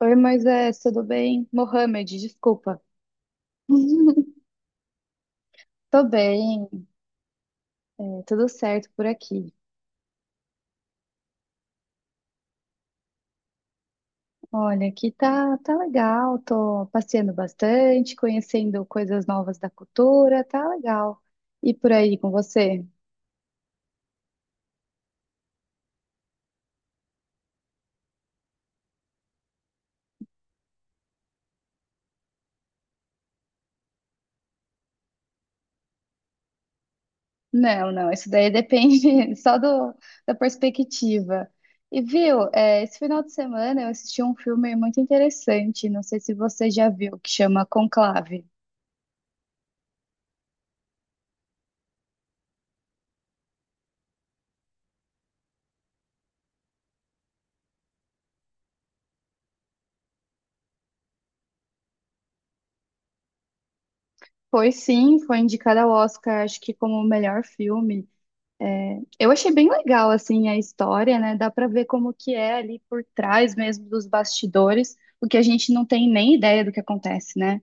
Oi, Moisés, tudo bem? Mohamed, desculpa. Tô bem, tudo certo por aqui. Olha, aqui tá, legal, tô passeando bastante, conhecendo coisas novas da cultura, tá legal. E por aí com você? Não, não, isso daí depende da perspectiva. E viu, é, esse final de semana eu assisti um filme muito interessante, não sei se você já viu, que chama Conclave. Foi sim, foi indicada ao Oscar, acho que como o melhor filme. É, eu achei bem legal assim a história, né? Dá pra ver como que é ali por trás mesmo dos bastidores, porque a gente não tem nem ideia do que acontece, né?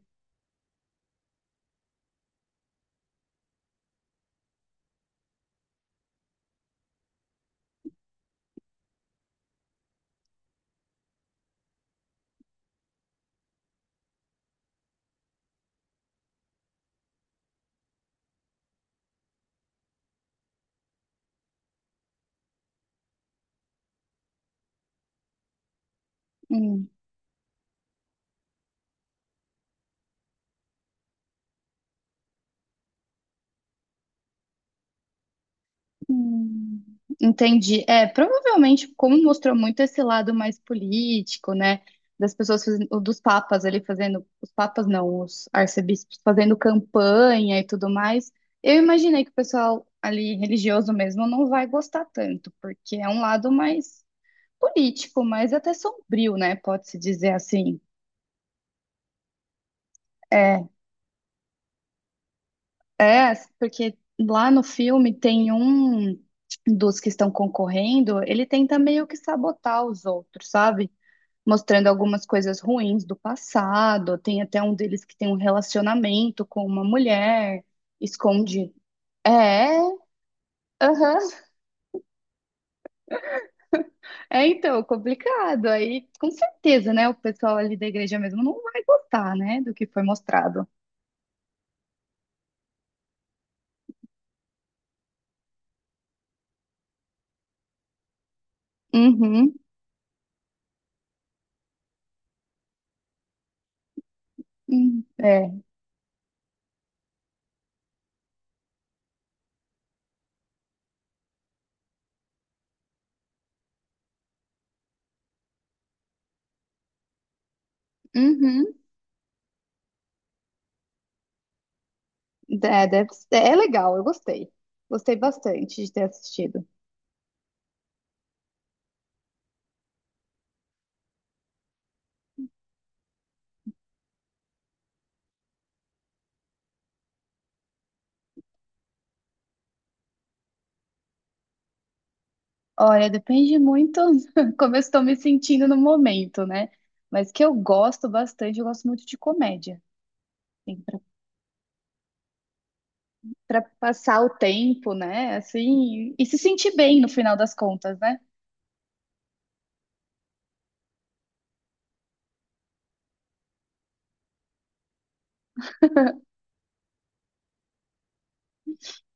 Hum, hum, entendi. É, provavelmente, como mostrou muito esse lado mais político, né? Das pessoas, ou dos papas ali fazendo, os papas não, os arcebispos fazendo campanha e tudo mais. Eu imaginei que o pessoal ali religioso mesmo não vai gostar tanto, porque é um lado mais político, mas até sombrio, né? Pode-se dizer assim. É, porque lá no filme tem um dos que estão concorrendo, ele tenta meio que sabotar os outros, sabe? Mostrando algumas coisas ruins do passado. Tem até um deles que tem um relacionamento com uma mulher, esconde. É, aham. É então, complicado. Aí, com certeza, né? O pessoal ali da igreja mesmo não vai gostar, né? Do que foi mostrado. Uhum. Hum. É. Uhum. É, é legal, eu gostei. Gostei bastante de ter assistido. Olha, depende muito como eu estou me sentindo no momento, né? Mas que eu gosto bastante, eu gosto muito de comédia. Assim, para passar o tempo, né? Assim, e se sentir bem no final das contas, né?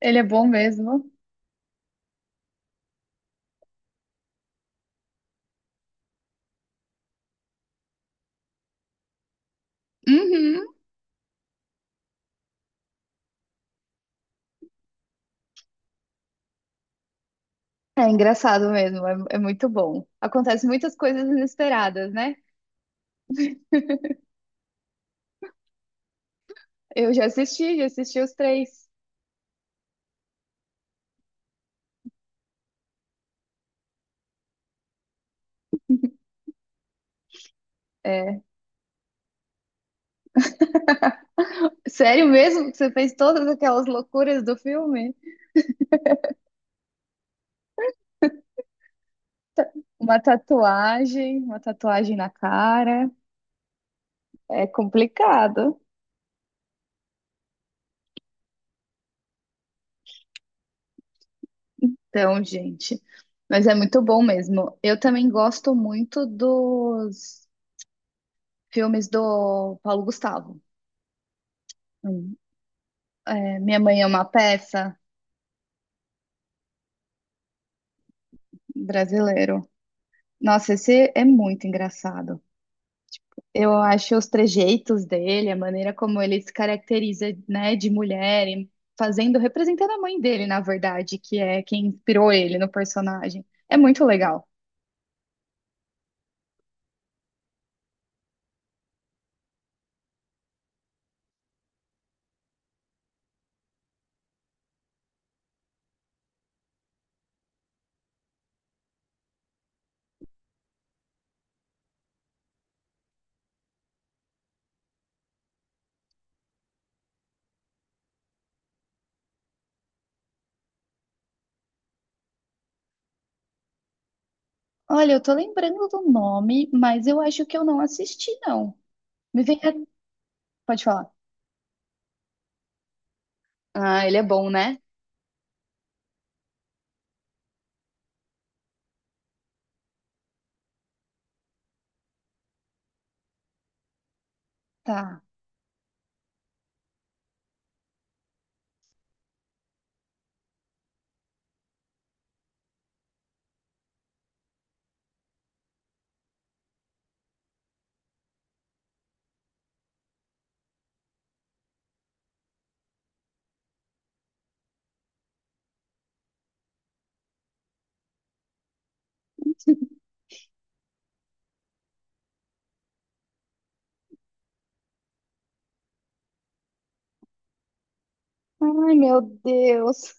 Ele é bom mesmo. Uhum. É engraçado mesmo, é muito bom. Acontece muitas coisas inesperadas, né? Eu já assisti os três. É, sério mesmo que você fez todas aquelas loucuras do filme? Uma tatuagem na cara. É complicado. Então, gente. Mas é muito bom mesmo. Eu também gosto muito dos filmes do Paulo Gustavo. Hum. É, Minha Mãe é uma Peça brasileiro. Nossa, esse é muito engraçado. Eu acho os trejeitos dele, a maneira como ele se caracteriza, né, de mulher, e fazendo, representando a mãe dele, na verdade, que é quem inspirou ele no personagem. É muito legal. Olha, eu tô lembrando do nome, mas eu acho que eu não assisti, não. Me vem. Pode falar. Ah, ele é bom, né? Tá. Ai, meu Deus.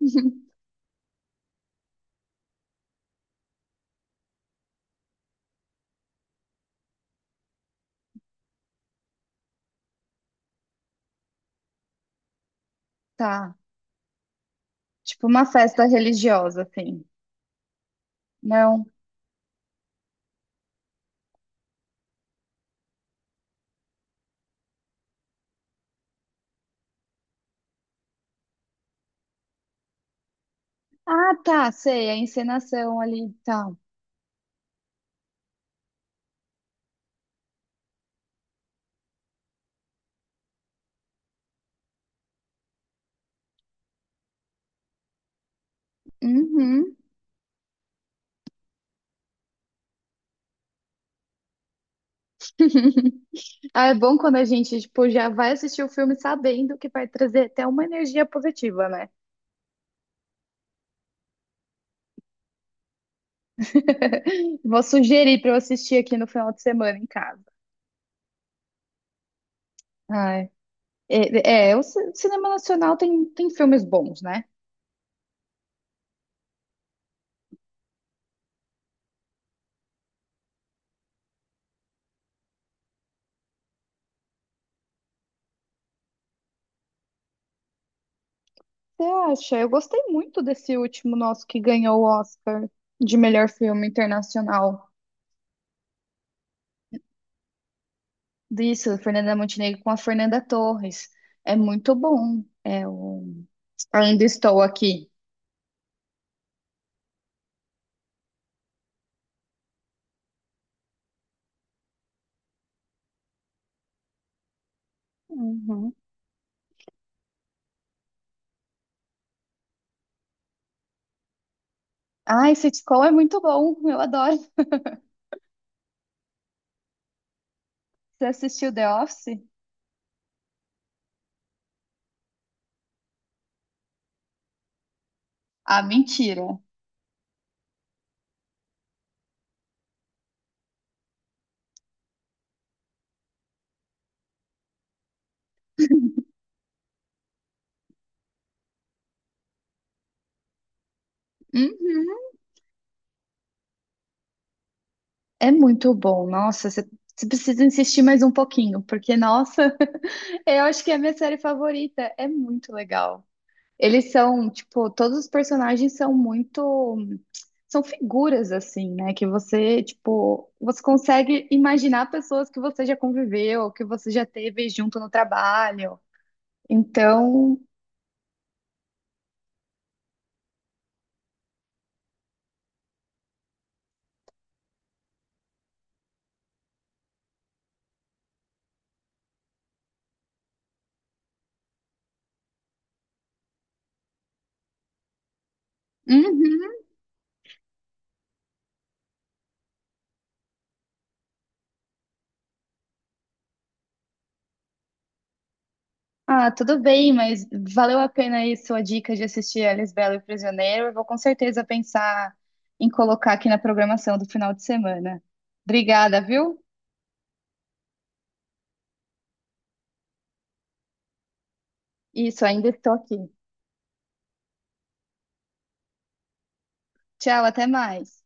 Tá. Tipo uma festa religiosa, assim. Não. Ah, tá, sei, a encenação ali e tal. Uhum. Ah, é bom quando a gente, tipo, já vai assistir o filme sabendo que vai trazer até uma energia positiva, né? Vou sugerir para eu assistir aqui no final de semana em casa. Ai, é, o cinema nacional tem, tem filmes bons, né? Você acha? Eu gostei muito desse último nosso que ganhou o Oscar de melhor filme internacional. Disso, Fernanda Montenegro com a Fernanda Torres. É muito bom. É o Ainda Estou Aqui. Uhum. Ai, sitcom é muito bom. Eu adoro. Você assistiu The Office? Ah, mentira. Uhum. É muito bom. Nossa, você precisa insistir mais um pouquinho, porque, nossa, eu acho que é a minha série favorita. É muito legal. Eles são, tipo, todos os personagens são muito. São figuras, assim, né? Que você, tipo, você consegue imaginar pessoas que você já conviveu, que você já teve junto no trabalho. Então, uhum. Ah, tudo bem, mas valeu a pena aí sua dica de assistir Alice Bela e o Prisioneiro. Eu vou com certeza pensar em colocar aqui na programação do final de semana. Obrigada, viu? Isso, ainda estou aqui. Tchau, até mais.